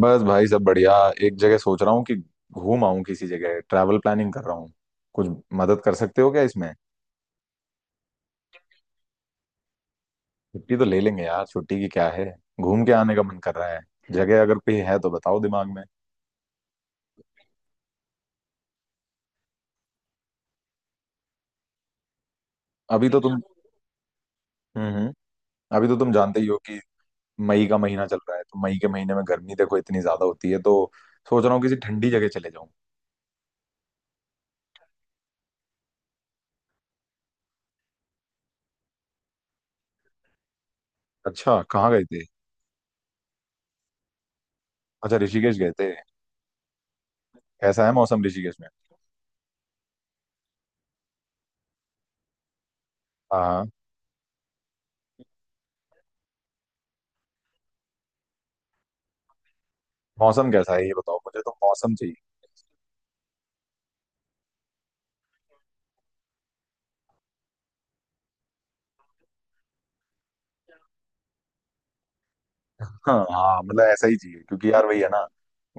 बस भाई, सब बढ़िया। एक जगह सोच रहा हूँ कि घूम आऊं किसी जगह। ट्रैवल प्लानिंग कर रहा हूँ कुछ, मदद कर सकते हो क्या इसमें? छुट्टी तो ले लेंगे यार, छुट्टी की क्या है। घूम के आने का मन कर रहा है। जगह अगर कोई है तो बताओ दिमाग में। अभी तो तुम हम्म हम्म अभी तो तुम जानते ही हो कि मई का महीना चल रहा है, तो मई के महीने में गर्मी देखो इतनी ज्यादा होती है, तो सोच रहा हूँ किसी ठंडी जगह चले जाऊं। अच्छा, कहाँ गए थे? अच्छा, ऋषिकेश गए थे। कैसा है मौसम ऋषिकेश में? हाँ, हाँ। मौसम कैसा है ये बताओ मुझे, तो मौसम। हाँ, हाँ, मतलब ऐसा ही चाहिए क्योंकि यार वही है ना,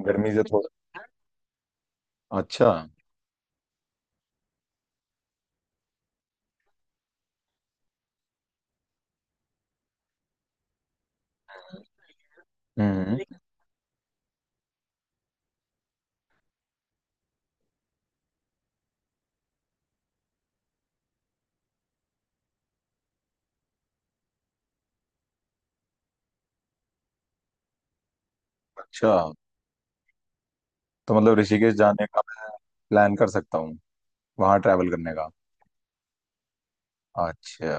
गर्मी से थोड़ा। अच्छा। हम्म, लेकिन। अच्छा। तो मतलब ऋषिकेश जाने का मैं प्लान कर सकता हूँ वहां ट्रैवल करने का? अच्छा।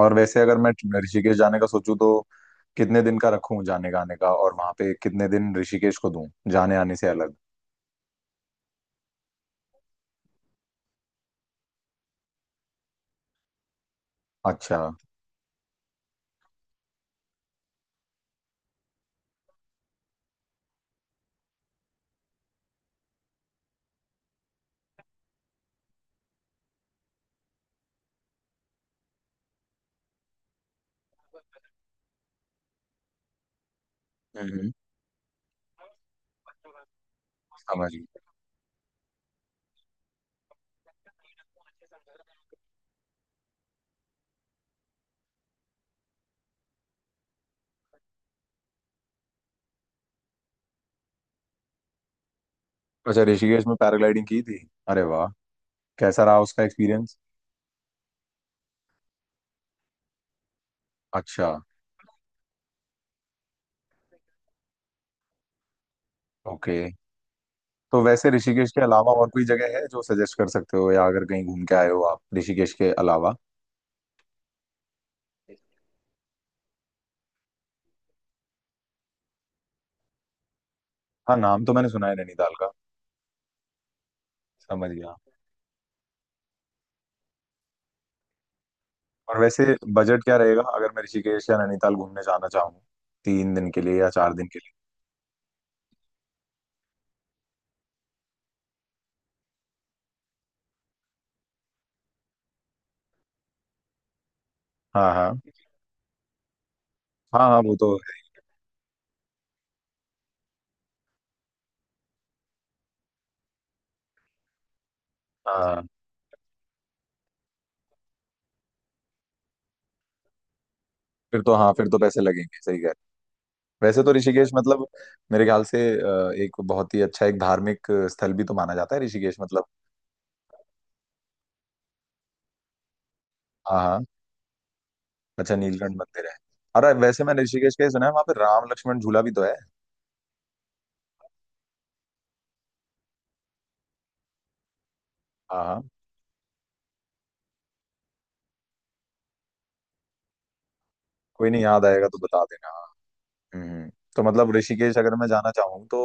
और वैसे अगर मैं ऋषिकेश जाने का सोचूं तो कितने दिन का रखूं जाने का आने का, और वहां पे कितने दिन ऋषिकेश को दूं जाने आने से अलग? अच्छा। हम्म। समझ गया। अच्छा, ऋषिकेश में पैराग्लाइडिंग की थी? अरे वाह! कैसा रहा उसका एक्सपीरियंस? अच्छा। ओके। तो वैसे ऋषिकेश के अलावा और कोई जगह है जो सजेस्ट कर सकते हो, या अगर कहीं घूम के आए हो आप ऋषिकेश के अलावा? हाँ, नाम तो मैंने सुना है नैनीताल का। समझ गया। और वैसे बजट क्या रहेगा अगर मैं ऋषिकेश या नैनीताल घूमने जाना चाहूँ 3 दिन के लिए या 4 दिन के लिए? हाँ, हाँ। हाँ, हाँ, वो तो है। हाँ, फिर तो, हाँ, फिर तो पैसे लगेंगे, सही कह रहे हो। वैसे तो ऋषिकेश मतलब मेरे ख्याल से एक बहुत ही अच्छा, एक धार्मिक स्थल भी तो माना जाता है ऋषिकेश मतलब। हाँ, हाँ। अच्छा, नीलकंठ मंदिर है। अरे, वैसे मैंने ऋषिकेश का ही सुना है वहाँ पे राम लक्ष्मण झूला भी तो है। हाँ, हाँ, कोई नहीं, याद आएगा तो बता देना, हाँ। हम्म। तो मतलब ऋषिकेश अगर मैं जाना चाहूँ तो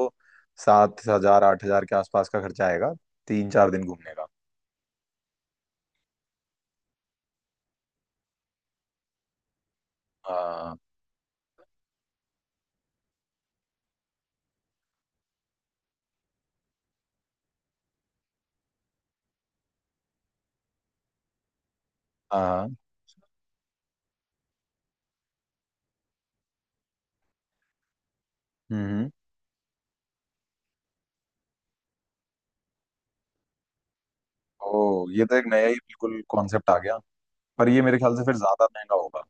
7,000 8,000 के आसपास का खर्चा आएगा 3-4 दिन घूमने का। हाँ, हाँ। हम्म, ओ, ये तो एक नया ही बिल्कुल कॉन्सेप्ट आ गया। पर ये मेरे ख्याल से फिर ज्यादा महंगा होगा।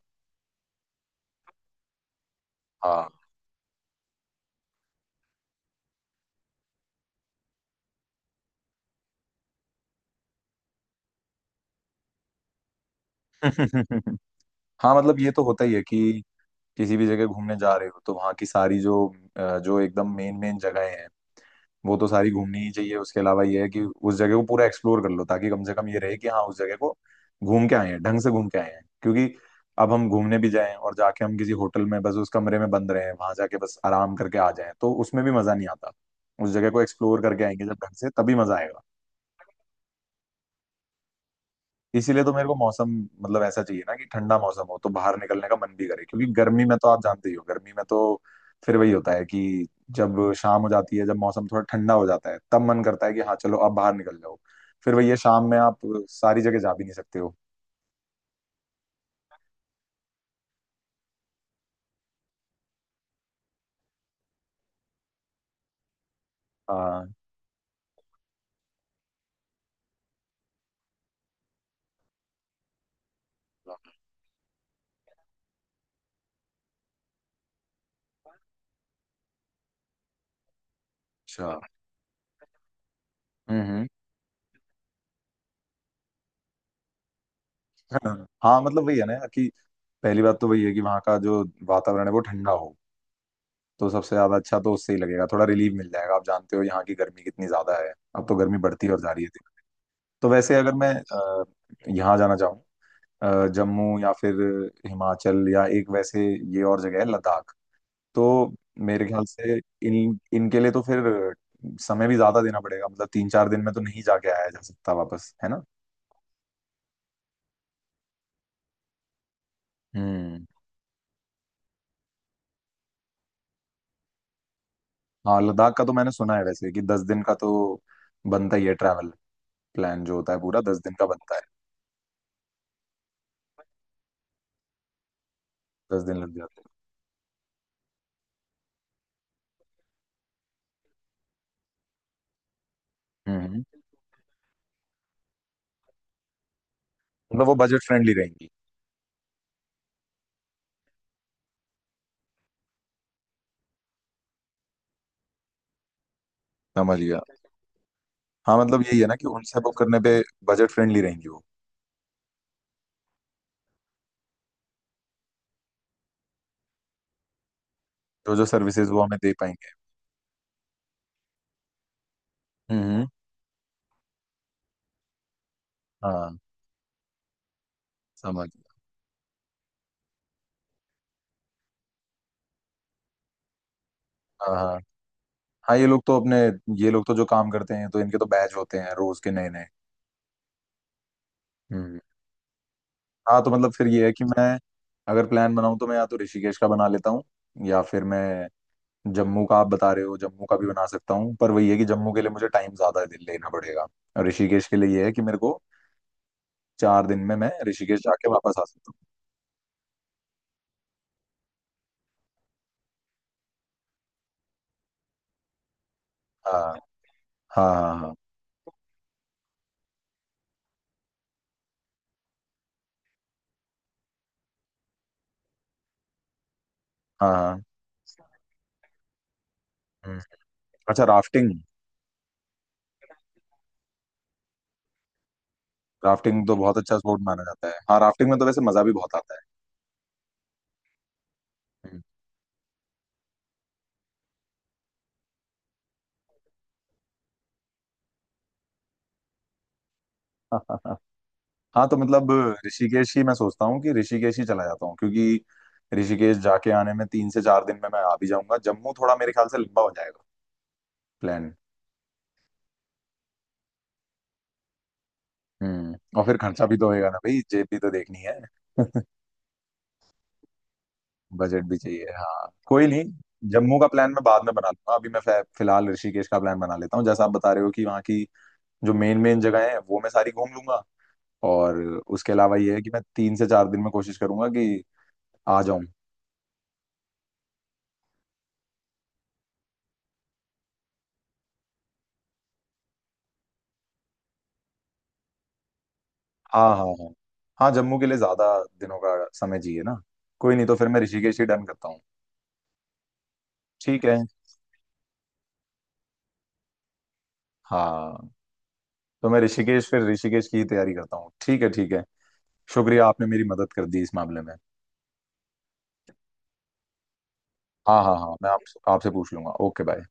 हाँ। हाँ, मतलब ये तो होता ही है कि किसी भी जगह घूमने जा रहे हो तो वहाँ की सारी जो जो एकदम मेन मेन जगहें हैं वो तो सारी घूमनी ही चाहिए। उसके अलावा ये है कि उस जगह को पूरा एक्सप्लोर कर लो ताकि कम से कम ये रहे कि हाँ, उस जगह को घूम के आए हैं, ढंग से घूम के आए हैं, क्योंकि अब हम घूमने भी जाएं और जाके हम किसी होटल में बस उस कमरे में बंद रहे हैं, वहां जाके बस आराम करके आ जाएं, तो उसमें भी मजा नहीं आता। उस जगह को एक्सप्लोर करके आएंगे जब ढंग से, तभी मजा आएगा। इसीलिए तो मेरे को मौसम, मतलब ऐसा चाहिए ना कि ठंडा मौसम हो तो बाहर निकलने का मन भी करे, क्योंकि गर्मी में तो आप जानते ही हो, गर्मी में तो फिर वही होता है कि जब शाम हो जाती है, जब मौसम थोड़ा ठंडा हो जाता है, तब मन करता है कि हाँ, चलो अब बाहर निकल जाओ। फिर वही है, शाम में आप सारी जगह जा भी नहीं सकते हो। हाँ। अच्छा। हम्म, हम्म। हाँ, मतलब वही है ना कि पहली बात तो वही है कि वहाँ का जो वातावरण है वो ठंडा हो, तो सबसे ज्यादा अच्छा तो उससे ही लगेगा, थोड़ा रिलीफ मिल जाएगा। आप जानते हो यहाँ की गर्मी कितनी ज्यादा है, अब तो गर्मी बढ़ती और जा रही है दिन पे। तो वैसे अगर मैं यहाँ जाना चाहूँ, जम्मू या फिर हिमाचल, या एक वैसे ये और जगह है लद्दाख, तो मेरे ख्याल से इन, इनके लिए तो फिर समय भी ज्यादा देना पड़ेगा, मतलब 3-4 दिन में तो नहीं जाके आया जा सकता वापस, है ना? हम्म। हाँ, लद्दाख का तो मैंने सुना है वैसे कि 10 दिन का तो बनता ही है ट्रैवल प्लान, जो होता है पूरा 10 दिन का बनता है, 10 दिन लग जाते हैं। हम्म। मतलब वो बजट फ्रेंडली रहेंगी? समझ गया। हाँ, मतलब यही है ना कि उनसे बुक करने पे बजट फ्रेंडली रहेंगी वो। जो जो सर्विसेज वो हमें दे पाएंगे। हम्म। हाँ। समझ गया। हाँ, हाँ। हाँ, ये लोग तो अपने, ये लोग तो जो काम करते हैं तो इनके तो बैच होते हैं रोज के नए नए। हम्म। हाँ, तो मतलब फिर ये है कि मैं अगर प्लान बनाऊं तो मैं या तो ऋषिकेश का बना लेता हूँ, या फिर मैं जम्मू का, आप बता रहे हो जम्मू का भी बना सकता हूँ, पर वही है कि जम्मू के लिए मुझे टाइम ज्यादा लेना पड़ेगा। और ऋषिकेश के लिए ये है कि मेरे को 4 दिन में मैं ऋषिकेश जाके वापस आ सकता हूँ। हाँ, हाँ। हाँ, हाँ। हाँ, हाँ। हम्म। अच्छा, राफ्टिंग। राफ्टिंग तो बहुत अच्छा स्पोर्ट माना जाता है, हाँ, राफ्टिंग में तो वैसे मजा भी बहुत आता है। हम्म। हाँ, तो मतलब ऋषिकेश ही, मैं सोचता हूँ कि ऋषिकेश ही चला जाता हूँ, क्योंकि ऋषिकेश जाके आने में 3 से 4 दिन में मैं आ भी जाऊंगा, जम्मू थोड़ा मेरे ख्याल से लंबा हो जाएगा प्लान। हम्म। और फिर खर्चा भी तो होएगा ना भाई, जेब भी तो देखनी है। बजट भी चाहिए, हाँ, कोई नहीं। जम्मू का प्लान मैं बाद में बना लूंगा, अभी मैं फिलहाल ऋषिकेश का प्लान बना लेता हूँ, जैसा आप बता रहे हो कि वहाँ की जो मेन मेन जगह है वो मैं सारी घूम लूंगा। और उसके अलावा ये है कि मैं 3 से 4 दिन में कोशिश करूंगा कि आ जाऊं। हाँ, हाँ। हाँ, हाँ। जम्मू के लिए ज्यादा दिनों का समय चाहिए ना, कोई नहीं, तो फिर मैं ऋषिकेश ही डन करता हूँ। ठीक है। हाँ, तो मैं ऋषिकेश, फिर ऋषिकेश की ही तैयारी करता हूँ। ठीक है, ठीक है। शुक्रिया, आपने मेरी मदद कर दी इस मामले में। हाँ, हाँ, हाँ, आपसे पूछ लूंगा। Okay, bye.